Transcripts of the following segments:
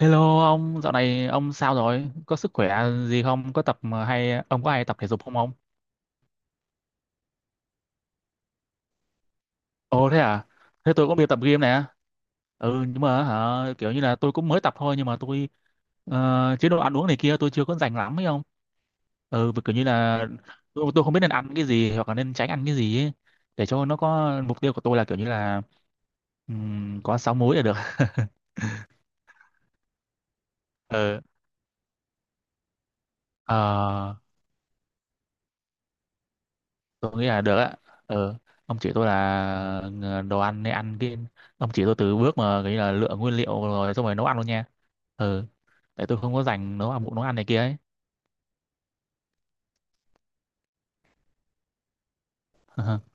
Hello ông, dạo này ông sao rồi? Có sức khỏe gì không? Có tập mà hay ông có hay tập thể dục không ông? Ồ thế à? Thế tôi cũng đi tập gym nè. Ừ nhưng mà hả, kiểu như là tôi cũng mới tập thôi nhưng mà tôi chế độ ăn uống này kia tôi chưa có rành lắm ấy không? Ừ vì kiểu như là tôi không biết nên ăn cái gì hoặc là nên tránh ăn cái gì ấy. Để cho nó có mục tiêu của tôi là kiểu như là có sáu múi là được. Ừ. ờ. Tôi nghĩ là được á. ờ ông chỉ tôi là đồ ăn nên ăn cái ông chỉ tôi từ bước mà cái là lựa nguyên liệu rồi xong rồi nấu ăn luôn nha. ờ Tại tôi không có dành nấu ăn này kia ấy.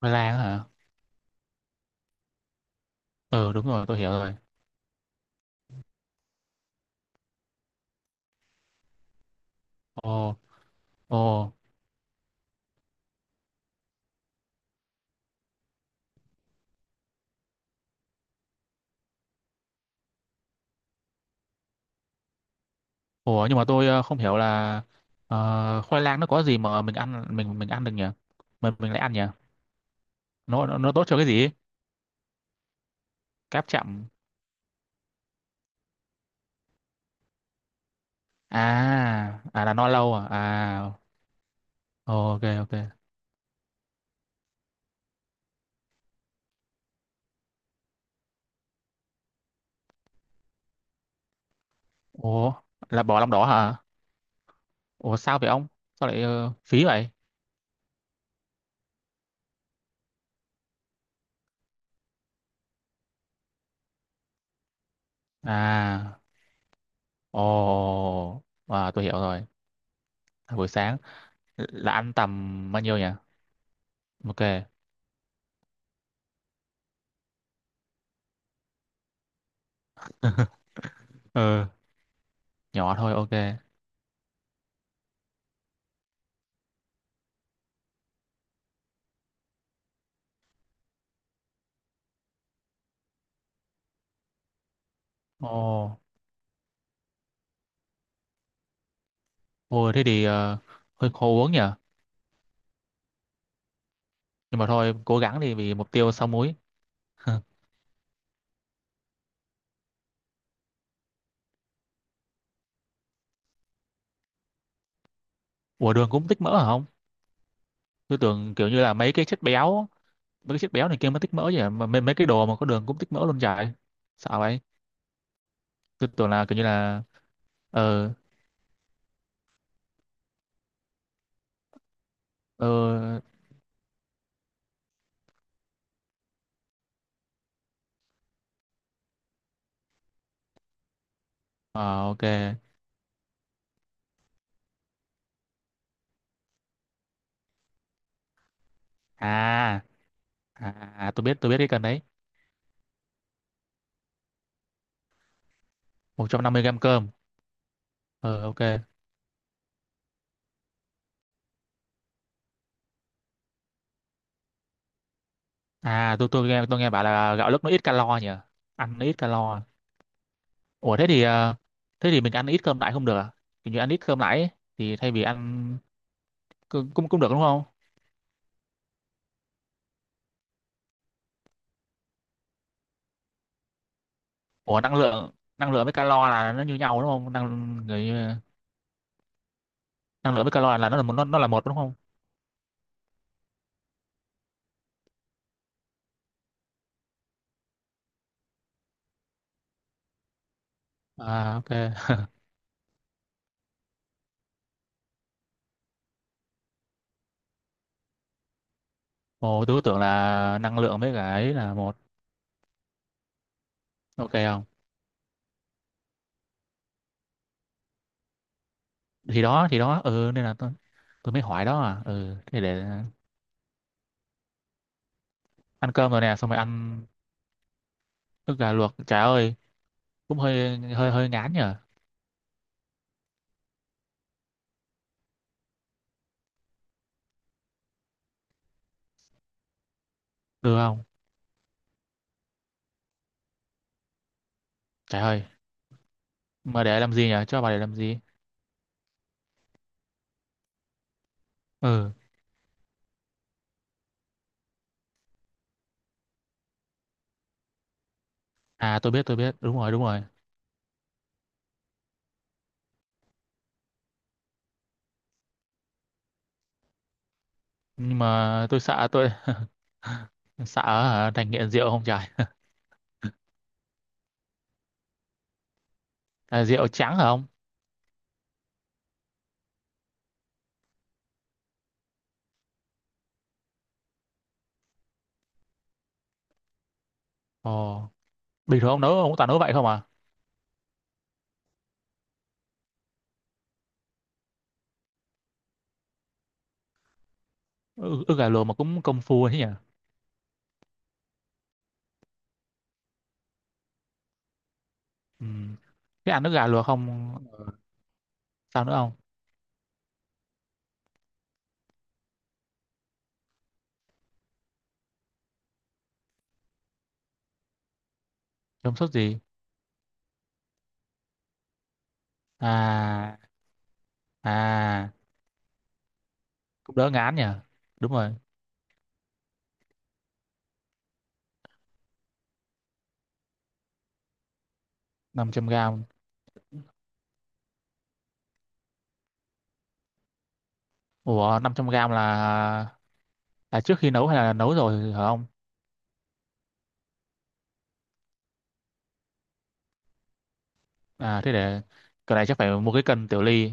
Khoai lang hả? Ờ Đúng rồi, tôi hiểu rồi. Ồ, ồ, ồ, nhưng mà tôi không hiểu là khoai lang nó có gì mà mình ăn mình ăn được nhỉ, mình lại ăn nhỉ? Nó tốt cho cái gì ấy? Cáp chậm à à, là no lâu à à? Ok, ok. Ồ, là bỏ lòng đỏ hả? Ủa sao vậy ông? Sao lại phí vậy? À, ồ, à, tôi hiểu rồi. Là buổi sáng là ăn tầm bao nhiêu nhỉ? Ok. Ừ, nhỏ thôi, ok. Ồ, thôi thế thì hơi khó uống nhỉ? Nhưng mà thôi, cố gắng đi vì mục tiêu sáu múi. Ủa đường cũng tích mỡ hả không? Tôi tưởng kiểu như là mấy cái chất béo này kia mới tích mỡ chứ. Mà mấy cái đồ mà có đường cũng tích mỡ luôn vậy. Sao vậy? Tôi tưởng là kiểu như là ờ ờ ờ ok. À, à, à, tôi biết cái cần đấy. Một trăm năm mươi gram cơm. Ờ ok. À, tôi nghe bảo là gạo lứt nó ít calo nhỉ, ăn nó ít calo à? Ủa thế thì thế thì mình ăn ít cơm lại không được à? Kiểu như ăn ít cơm lại ấy, thì thay vì ăn cũng cũng cũng được đúng không? Ủa năng lượng với calo là nó như nhau đúng không, năng người năng lượng với calo là nó là một, nó là một đúng không? À ok. Ồ, tôi cứ tưởng là năng lượng với cả ấy là một. Ok không, thì đó thì đó, ừ nên là tôi mới hỏi đó à. Ừ thế để ăn cơm rồi nè, xong rồi ăn ức gà luộc trời ơi, cũng hơi hơi hơi ngán nhở. Được không? Trời ơi, mà để làm gì nhở, cho bà để làm gì? Ừ à, tôi biết tôi biết, đúng rồi đúng rồi. Nhưng mà tôi sợ hả, thành nghiện rượu không trời. Là rượu trắng hả ông? Ồ, bình thường ông nấu ông toàn nấu vậy không à? Ừ, ức gà luộc mà cũng công phu ấy nhỉ. Ừ. Thế ăn ức gà luộc không, sao nữa không? Không sốt gì? À à, cũng đỡ ngán nhỉ. Đúng rồi. 500 gram? Ủa năm trăm gram là, à, trước khi nấu hay là nấu rồi hả ông? À thế để, cái này chắc phải mua cái cân tiểu ly.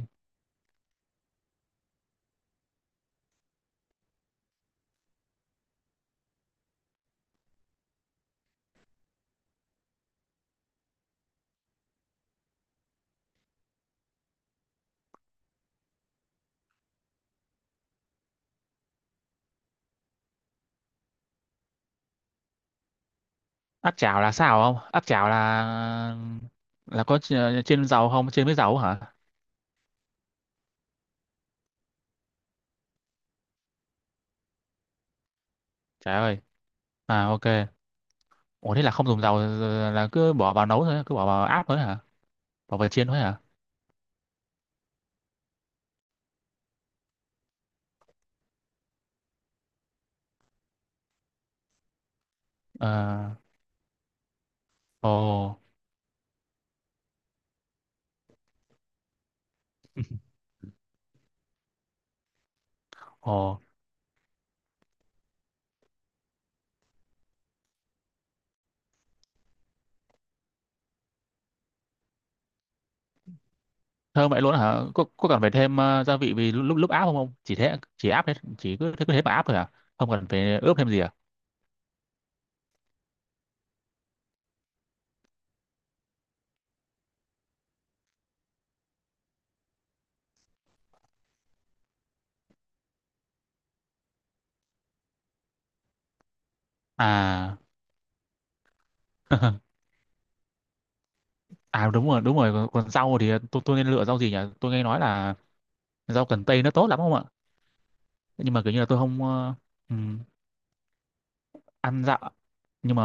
Áp chảo là sao không? Áp chảo là có ch- chiên dầu không? Chiên với dầu hả? Trời ơi. À ok. Ủa thế là không dùng dầu là cứ bỏ vào nấu thôi, cứ bỏ vào áp thôi hả? Bỏ vào chiên thôi hả? Ờ, ồ, ồ, thơm vậy luôn hả? Có cần phải thêm gia vị vì lúc lúc lúc áp không không? Chỉ thế chỉ áp hết, chỉ cứ thế mà áp thôi hả? Không cần phải ướp thêm gì à? À à đúng rồi đúng rồi, còn rau thì tôi nên lựa rau gì nhỉ, tôi nghe nói là rau cần tây nó tốt lắm không ạ, nhưng mà kiểu như là tôi không ừm, ăn dạo nhưng mà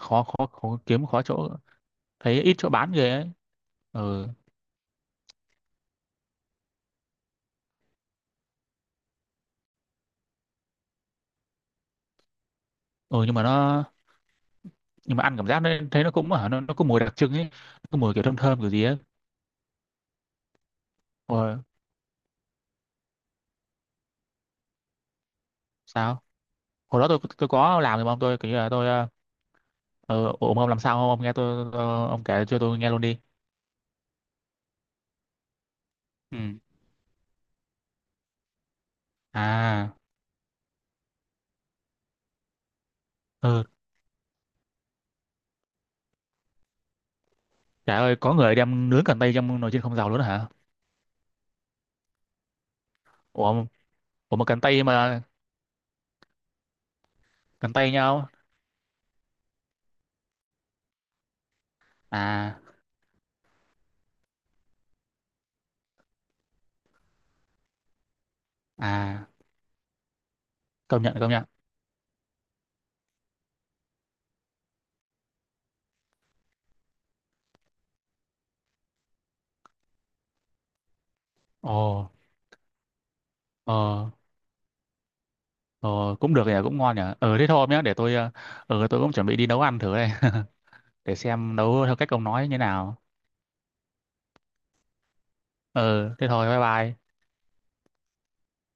khó khó khó kiếm khó chỗ, thấy ít chỗ bán ghê ấy. Ừ, ừ, nhưng mà nó nhưng mà ăn cảm giác nó thấy nó cũng hả, nó có mùi đặc trưng ấy, nó có mùi kiểu thơm thơm kiểu gì ấy. Rồi sao, hồi đó tôi có làm thì mà ông, tôi kiểu như là tôi ờ ừ, ông làm sao không, ông nghe tôi ông kể cho tôi nghe luôn đi. Ừ, à, ừ, trời ơi có người đem nướng cần tây trong nồi chiên không dầu luôn hả? Ủa, ủa mà cần tay mà, cần tay nhau à à, công nhận công nhận. Ồ, ờ ờ cũng được nhỉ, cũng ngon nhỉ. Ờ Thế thôi hôm nhé, để tôi tôi cũng chuẩn bị đi nấu ăn thử đây. Để xem nấu theo cách ông nói như thế nào. ờ Thế thôi, bye bye.